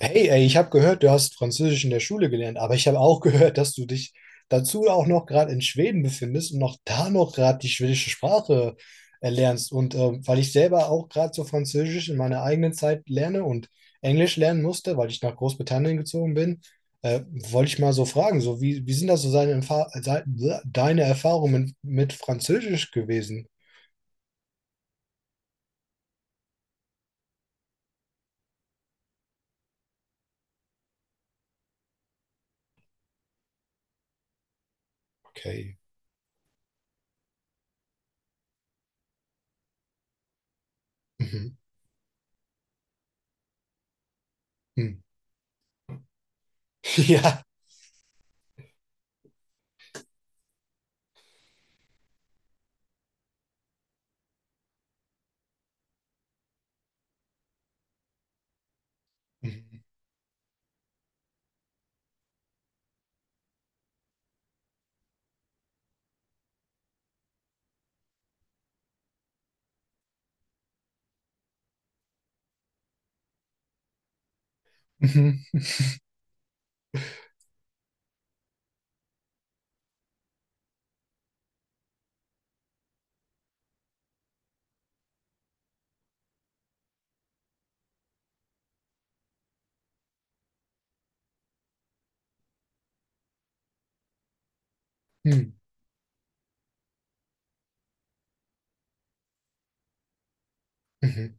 Hey, ey, ich habe gehört, du hast Französisch in der Schule gelernt, aber ich habe auch gehört, dass du dich dazu auch noch gerade in Schweden befindest und noch da noch gerade die schwedische Sprache erlernst. Weil ich selber auch gerade so Französisch in meiner eigenen Zeit lerne und Englisch lernen musste, weil ich nach Großbritannien gezogen bin, wollte ich mal so fragen, so wie sind das so seine, deine Erfahrungen mit Französisch gewesen? Okay. Mhm. Mhm. Ja. Mhm. Mhm. Mhm. Mhm.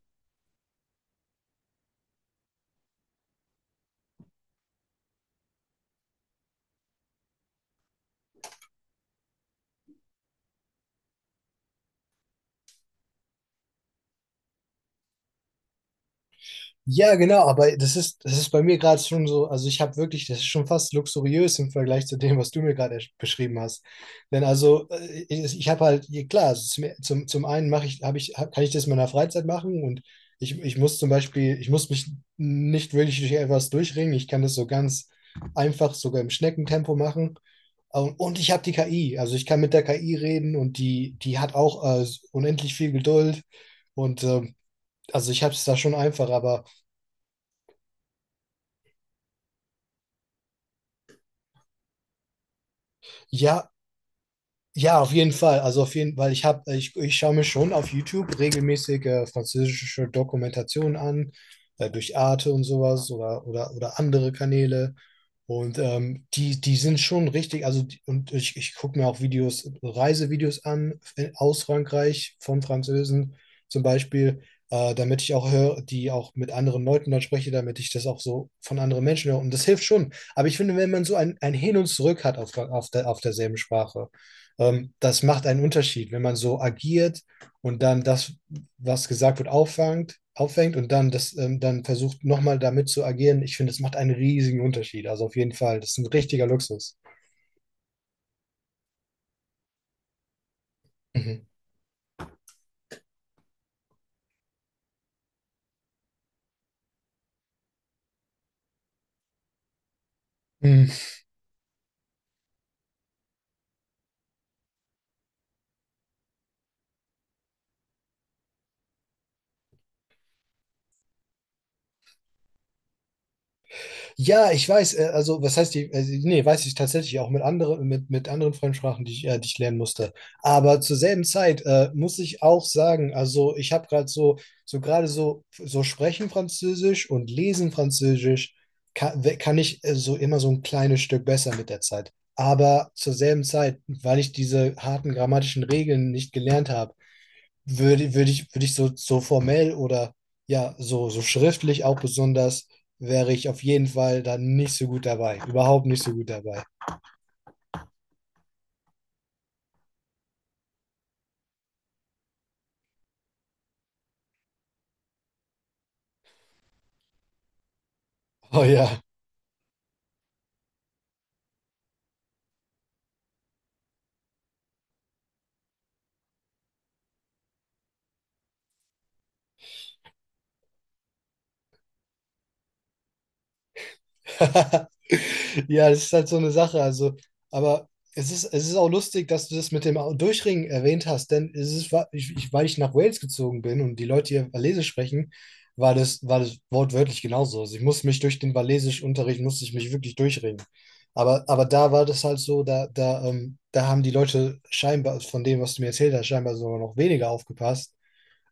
Ja, genau, aber das ist bei mir gerade schon so, also ich habe wirklich, das ist schon fast luxuriös im Vergleich zu dem, was du mir gerade beschrieben hast. Denn also ich, ich habe halt, ja, klar, also zum, zum, zum einen mache ich, habe ich, hab, kann ich das in meiner Freizeit machen und ich muss zum Beispiel, ich muss mich nicht wirklich durch etwas durchringen. Ich kann das so ganz einfach, sogar im Schneckentempo machen. Und ich habe die KI, also ich kann mit der KI reden und die hat auch unendlich viel Geduld und also ich habe es da schon einfach, aber ja, ja, auf jeden Fall. Also auf jeden, weil ich schaue mir schon auf YouTube regelmäßig französische Dokumentationen an, durch Arte und sowas oder andere Kanäle. Und die sind schon richtig, ich gucke mir auch Videos, Reisevideos an aus Frankreich von Französen zum Beispiel, damit ich auch höre, die auch mit anderen Leuten dann spreche, damit ich das auch so von anderen Menschen höre. Und das hilft schon. Aber ich finde, wenn man so ein Hin und Zurück hat auf derselben Sprache. Das macht einen Unterschied, wenn man so agiert und dann was gesagt wird, auffängt und dann dann versucht nochmal damit zu agieren. Ich finde, das macht einen riesigen Unterschied. Also auf jeden Fall, das ist ein richtiger Luxus. Mhm. Mhm. Ja, ich weiß, also was heißt die, also, nee, weiß ich tatsächlich auch mit anderen, mit anderen Fremdsprachen, die ich lernen musste. Aber zur selben Zeit muss ich auch sagen, also ich habe gerade so, so sprechen Französisch und lesen Französisch kann, kann ich so immer so ein kleines Stück besser mit der Zeit. Aber zur selben Zeit, weil ich diese harten grammatischen Regeln nicht gelernt habe, würde ich so, so formell oder ja, so, so schriftlich auch besonders, wäre ich auf jeden Fall dann nicht so gut dabei. Überhaupt nicht so gut dabei. Oh ja. Ja, das ist halt so eine Sache. Also, aber es ist auch lustig, dass du das mit dem Durchringen erwähnt hast, denn es ist, ich, weil ich nach Wales gezogen bin und die Leute hier Walisisch sprechen, war das wortwörtlich genauso. Also ich musste mich durch den Walisischunterricht, musste ich mich wirklich durchringen. Aber da war das halt so, da haben die Leute scheinbar, von dem, was du mir erzählt hast, scheinbar sogar noch weniger aufgepasst.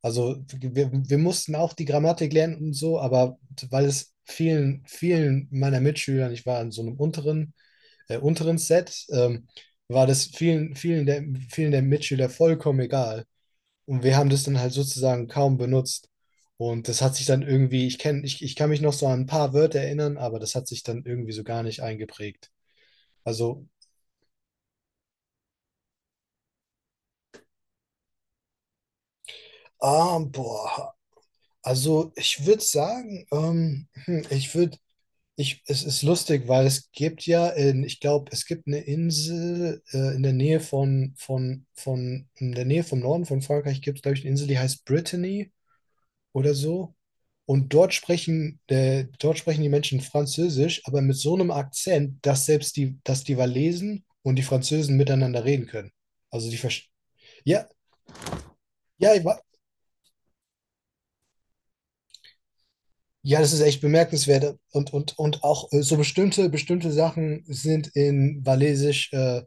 Wir mussten auch die Grammatik lernen und so, aber weil es vielen meiner Mitschülern, ich war in so einem unteren, unteren Set, war das vielen der Mitschüler vollkommen egal. Und wir haben das dann halt sozusagen kaum benutzt. Und das hat sich dann irgendwie, ich kann mich noch so an ein paar Wörter erinnern, aber das hat sich dann irgendwie so gar nicht eingeprägt. Also, ah, boah, also ich würde sagen, Ich, es ist lustig, weil es gibt ja, ich glaube, es gibt eine Insel in der Nähe in der Nähe vom Norden von Frankreich gibt es, glaube ich, eine Insel, die heißt Brittany oder so. Und dort sprechen die Menschen Französisch, aber mit so einem Akzent, dass dass die Walesen und die Französen miteinander reden können. Also die verstehen. Ja, ja, ja, das ist echt bemerkenswert. Und auch so bestimmte Sachen sind in Walisisch. Äh,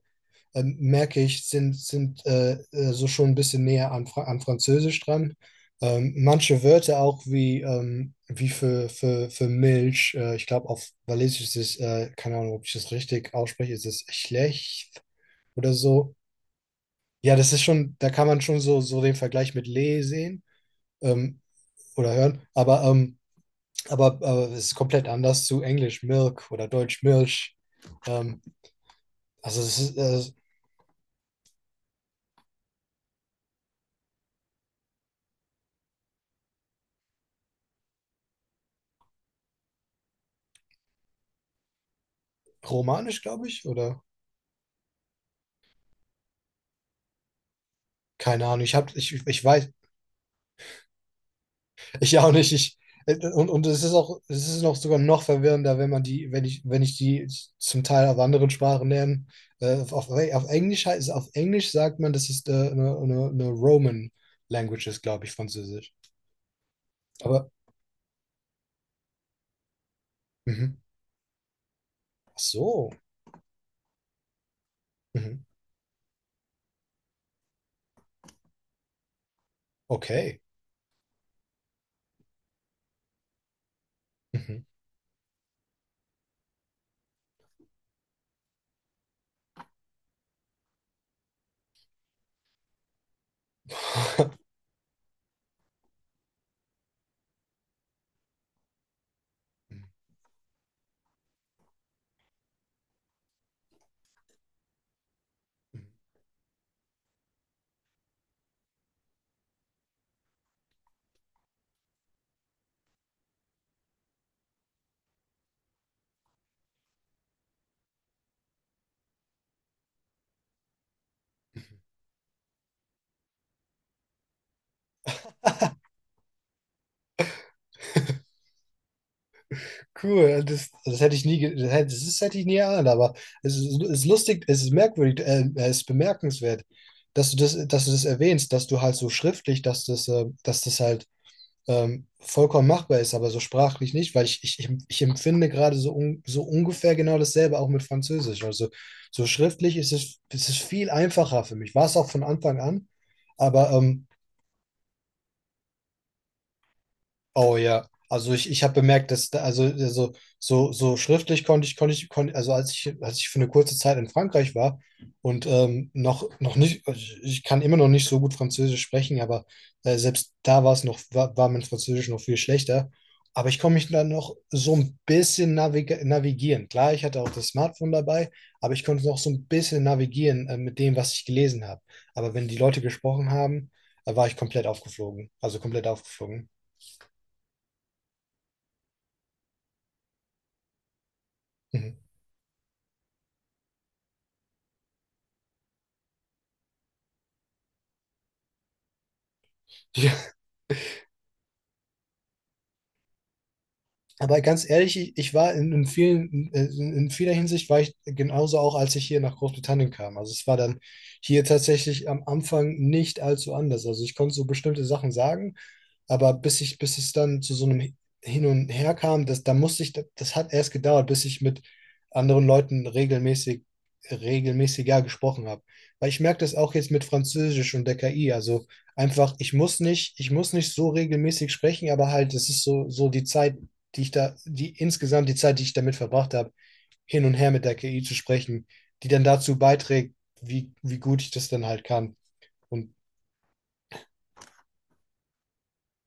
ähm, Merke ich, sind so schon ein bisschen näher an, Fra an Französisch dran. Manche Wörter auch wie, wie für Milch, ich glaube auf Walisisch ist es, keine Ahnung, ob ich das richtig ausspreche, ist es schlecht oder so. Ja, das ist schon, da kann man schon so, so den Vergleich mit Le sehen ähm, oder hören, aber, aber es ist komplett anders zu Englisch Milk oder Deutsch Milch. Ähm, also es ist romanisch, glaube ich, oder? Keine Ahnung, ich weiß, ich auch nicht. Ich, und es ist auch, es ist noch sogar noch verwirrender, wenn man die, wenn ich die zum Teil auf anderen Sprachen lerne. Auf Englisch heißt, auf Englisch sagt man, das ist eine Roman Language ist, glaube ich, Französisch. Aber, mhm. Ach so, mhm. Okay. Mhm. Cool, das hätte ich nie, das hätte ich nie erahnt, aber es ist lustig, es ist merkwürdig, es ist bemerkenswert, dass du das erwähnst, dass du halt so schriftlich, dass das halt vollkommen machbar ist, aber so sprachlich nicht, weil ich ich empfinde gerade so, so ungefähr genau dasselbe auch mit Französisch. Also so schriftlich ist es viel einfacher für mich. War es auch von Anfang an, aber oh ja, also ich habe bemerkt, dass da, also so, so schriftlich konnte, als ich für eine kurze Zeit in Frankreich war und noch nicht, ich kann immer noch nicht so gut Französisch sprechen, aber selbst da war es noch, war mein Französisch noch viel schlechter. Aber ich konnte mich dann noch so ein bisschen navigieren. Klar, ich hatte auch das Smartphone dabei, aber ich konnte noch so ein bisschen navigieren mit dem, was ich gelesen habe. Aber wenn die Leute gesprochen haben, war ich komplett aufgeflogen. Also komplett aufgeflogen. Mhm. Ja, aber ganz ehrlich, ich war in vielen, in vieler Hinsicht war ich genauso auch, als ich hier nach Großbritannien kam. Also es war dann hier tatsächlich am Anfang nicht allzu anders. Also ich konnte so bestimmte Sachen sagen, aber bis es dann zu so einem Hin und Her kam, da musste ich, das, hat erst gedauert, bis ich mit anderen Leuten regelmäßig, regelmäßiger gesprochen habe. Weil ich merke das auch jetzt mit Französisch und der KI. Also einfach, ich muss nicht so regelmäßig sprechen, aber halt, es ist so, so die Zeit, die insgesamt die Zeit, die ich damit verbracht habe, hin und her mit der KI zu sprechen, die dann dazu beiträgt, wie gut ich das dann halt kann. Und